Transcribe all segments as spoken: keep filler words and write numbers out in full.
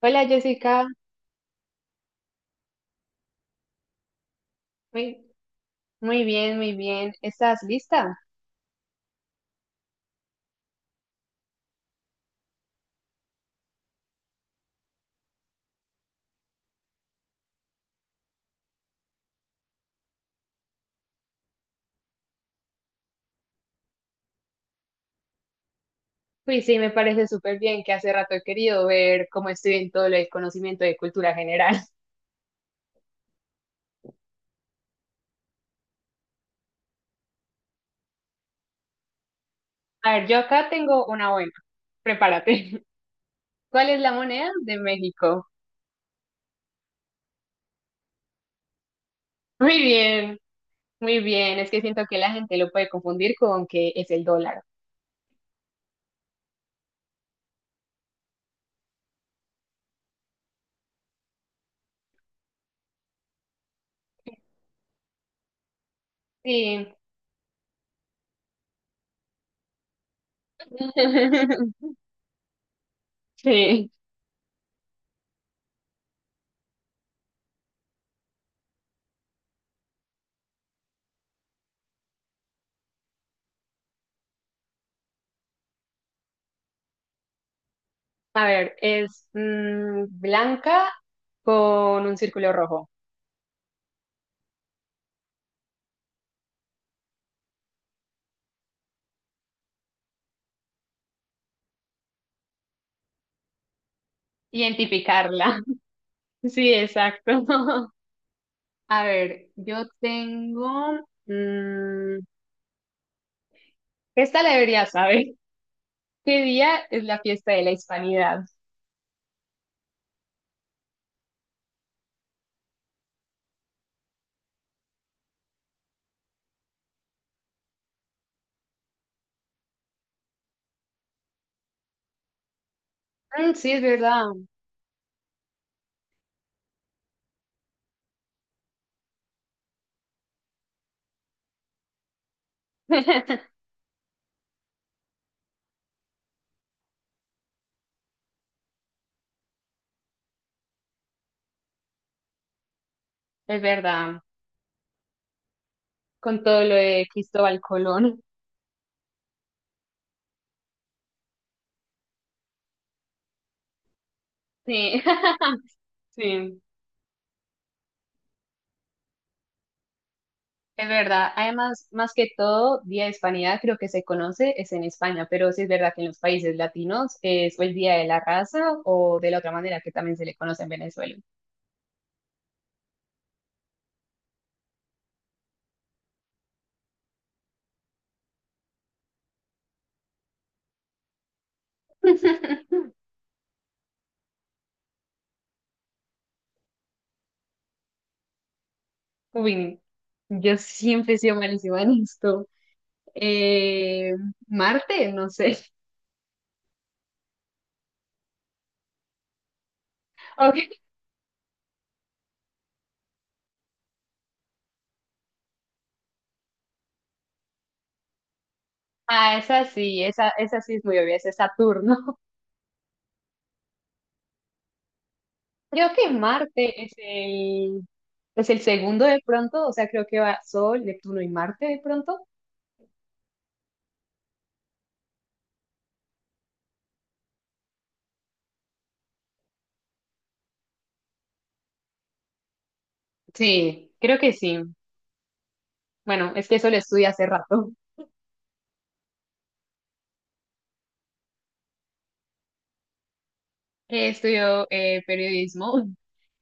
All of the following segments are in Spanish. Hola Jessica, muy, muy bien, muy bien. ¿Estás lista? Pues sí, me parece súper bien que hace rato he querido ver cómo estoy en todo el conocimiento de cultura general. A ver, yo acá tengo una buena. Prepárate. ¿Cuál es la moneda de México? Muy bien, muy bien. Es que siento que la gente lo puede confundir con que es el dólar. Sí. Sí. A ver, es mm, blanca con un círculo rojo. Identificarla. Sí, exacto. A ver, yo tengo... mm, esta la debería saber. ¿Qué día es la fiesta de la Hispanidad? Mm, sí, es verdad. Es verdad. Con todo lo de Cristóbal Colón. Sí, sí, es verdad. Además, más que todo, Día de Hispanidad creo que se conoce es en España, pero sí es verdad que en los países latinos es o el Día de la Raza o de la otra manera que también se le conoce en Venezuela. Uy, yo siempre he sido malísima en esto. Eh, Marte, no sé. Ok. Ah, esa sí, esa, esa sí es muy obvia, esa es Saturno. Creo que Marte es el, es el segundo de pronto, o sea, creo que va Sol, Neptuno y Marte de pronto. Sí, creo que sí. Bueno, es que eso lo estudié hace rato. Eh, estudio eh, periodismo,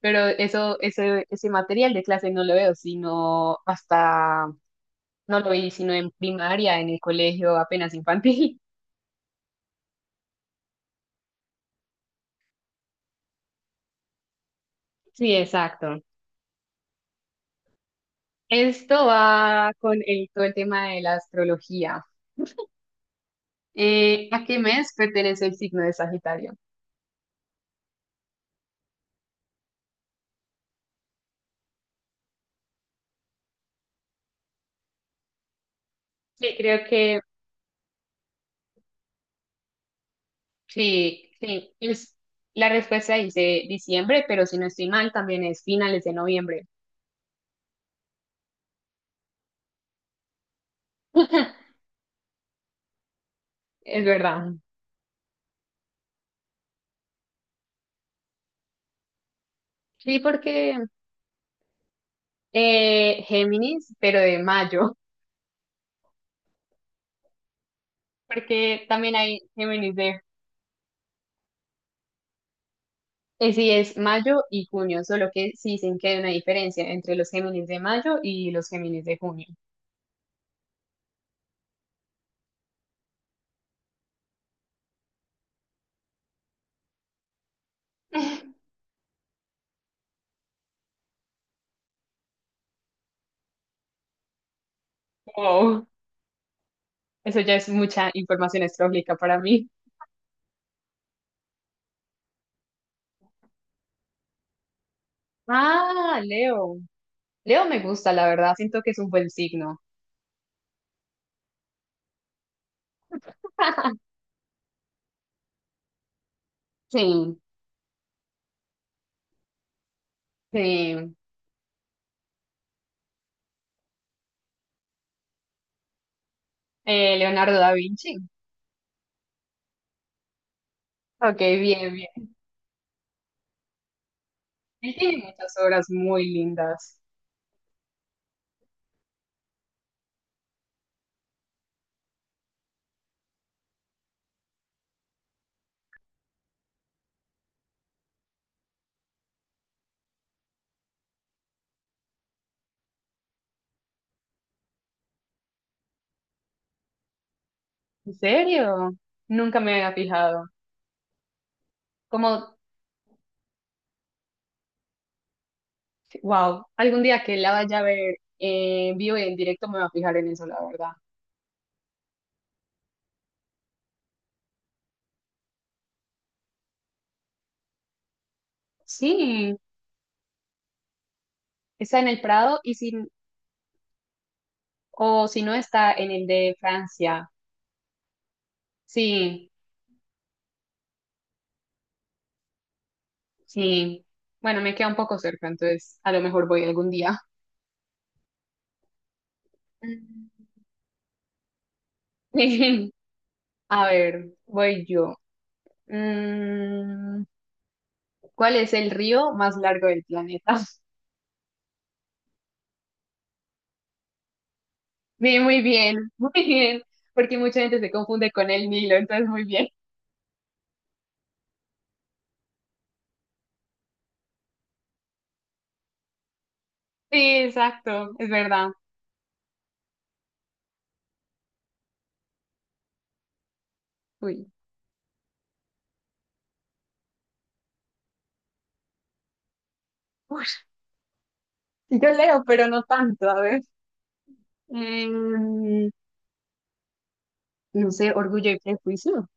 pero eso, ese, ese material de clase no lo veo, sino hasta, no lo vi, sino en primaria, en el colegio apenas infantil. Sí, exacto. Esto va con el, todo el tema de la astrología. Eh, ¿a qué mes pertenece el signo de Sagitario? Sí, creo que sí, sí. Es- la respuesta dice diciembre, pero si no estoy mal, también es finales de noviembre. Es verdad. Sí, porque eh, Géminis, pero de mayo, porque también hay Géminis de... eh, sí, es mayo y junio, solo que sí dicen que hay una diferencia entre los Géminis de mayo y los Géminis de junio. Wow. Eso ya es mucha información astrológica para mí. Ah, Leo. Leo me gusta, la verdad. Siento que es un buen signo. Sí, sí. Eh, Leonardo da Vinci. Ok, bien, bien. Él tiene muchas obras muy lindas. ¿En serio? Nunca me había fijado. Como, wow, algún día que la vaya a ver eh, en vivo y en directo me voy a fijar en eso, la verdad. Sí, está en el Prado y si, o si no está en el de Francia. Sí. Sí, bueno, me queda un poco cerca, entonces a lo mejor voy algún día. Mm. A ver, voy yo. Mm, ¿cuál es el río más largo del planeta? Bien, muy bien, muy bien, porque mucha gente se confunde con el Nilo, entonces muy bien. Sí, exacto, es verdad. Uy. Uy, yo leo, pero no tanto, a ver. em, no sé, orgullo y prejuicio.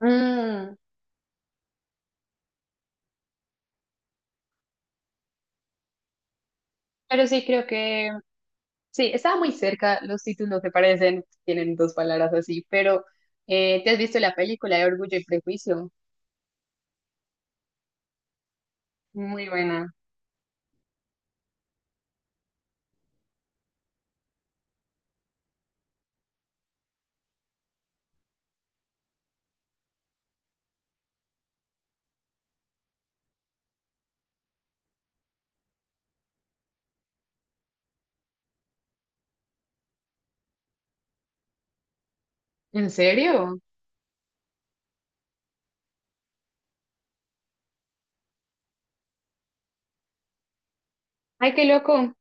Mm, pero sí creo que sí, estaba muy cerca, los títulos se parecen, tienen dos palabras así, pero eh, ¿te has visto la película de Orgullo y Prejuicio? Muy buena. ¿En serio? Ay, qué loco.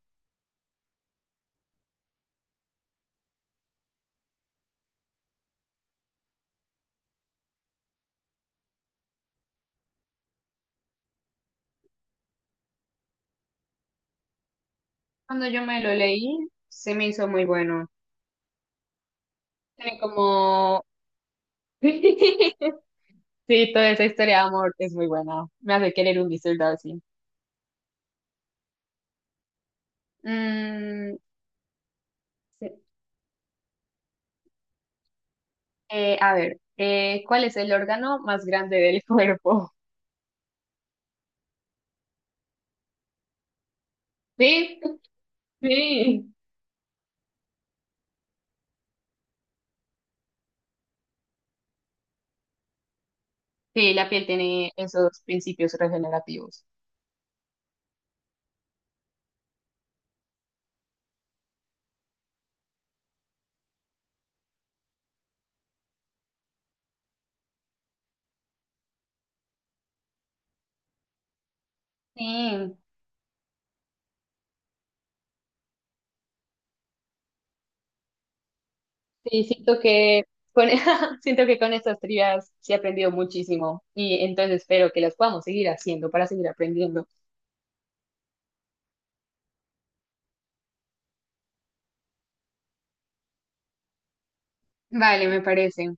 Cuando yo me lo leí, se me hizo muy bueno. Tiene como... Sí, toda esa historia de amor es muy buena. Me hace querer un mister Darcy. Mm, sí. Eh, a ver, eh, ¿cuál es el órgano más grande del cuerpo? Sí, sí. Sí, la piel tiene esos principios regenerativos. Sí, sí, siento que con, siento que con estas trivias sí he aprendido muchísimo y entonces espero que las podamos seguir haciendo para seguir aprendiendo. Vale, me parece.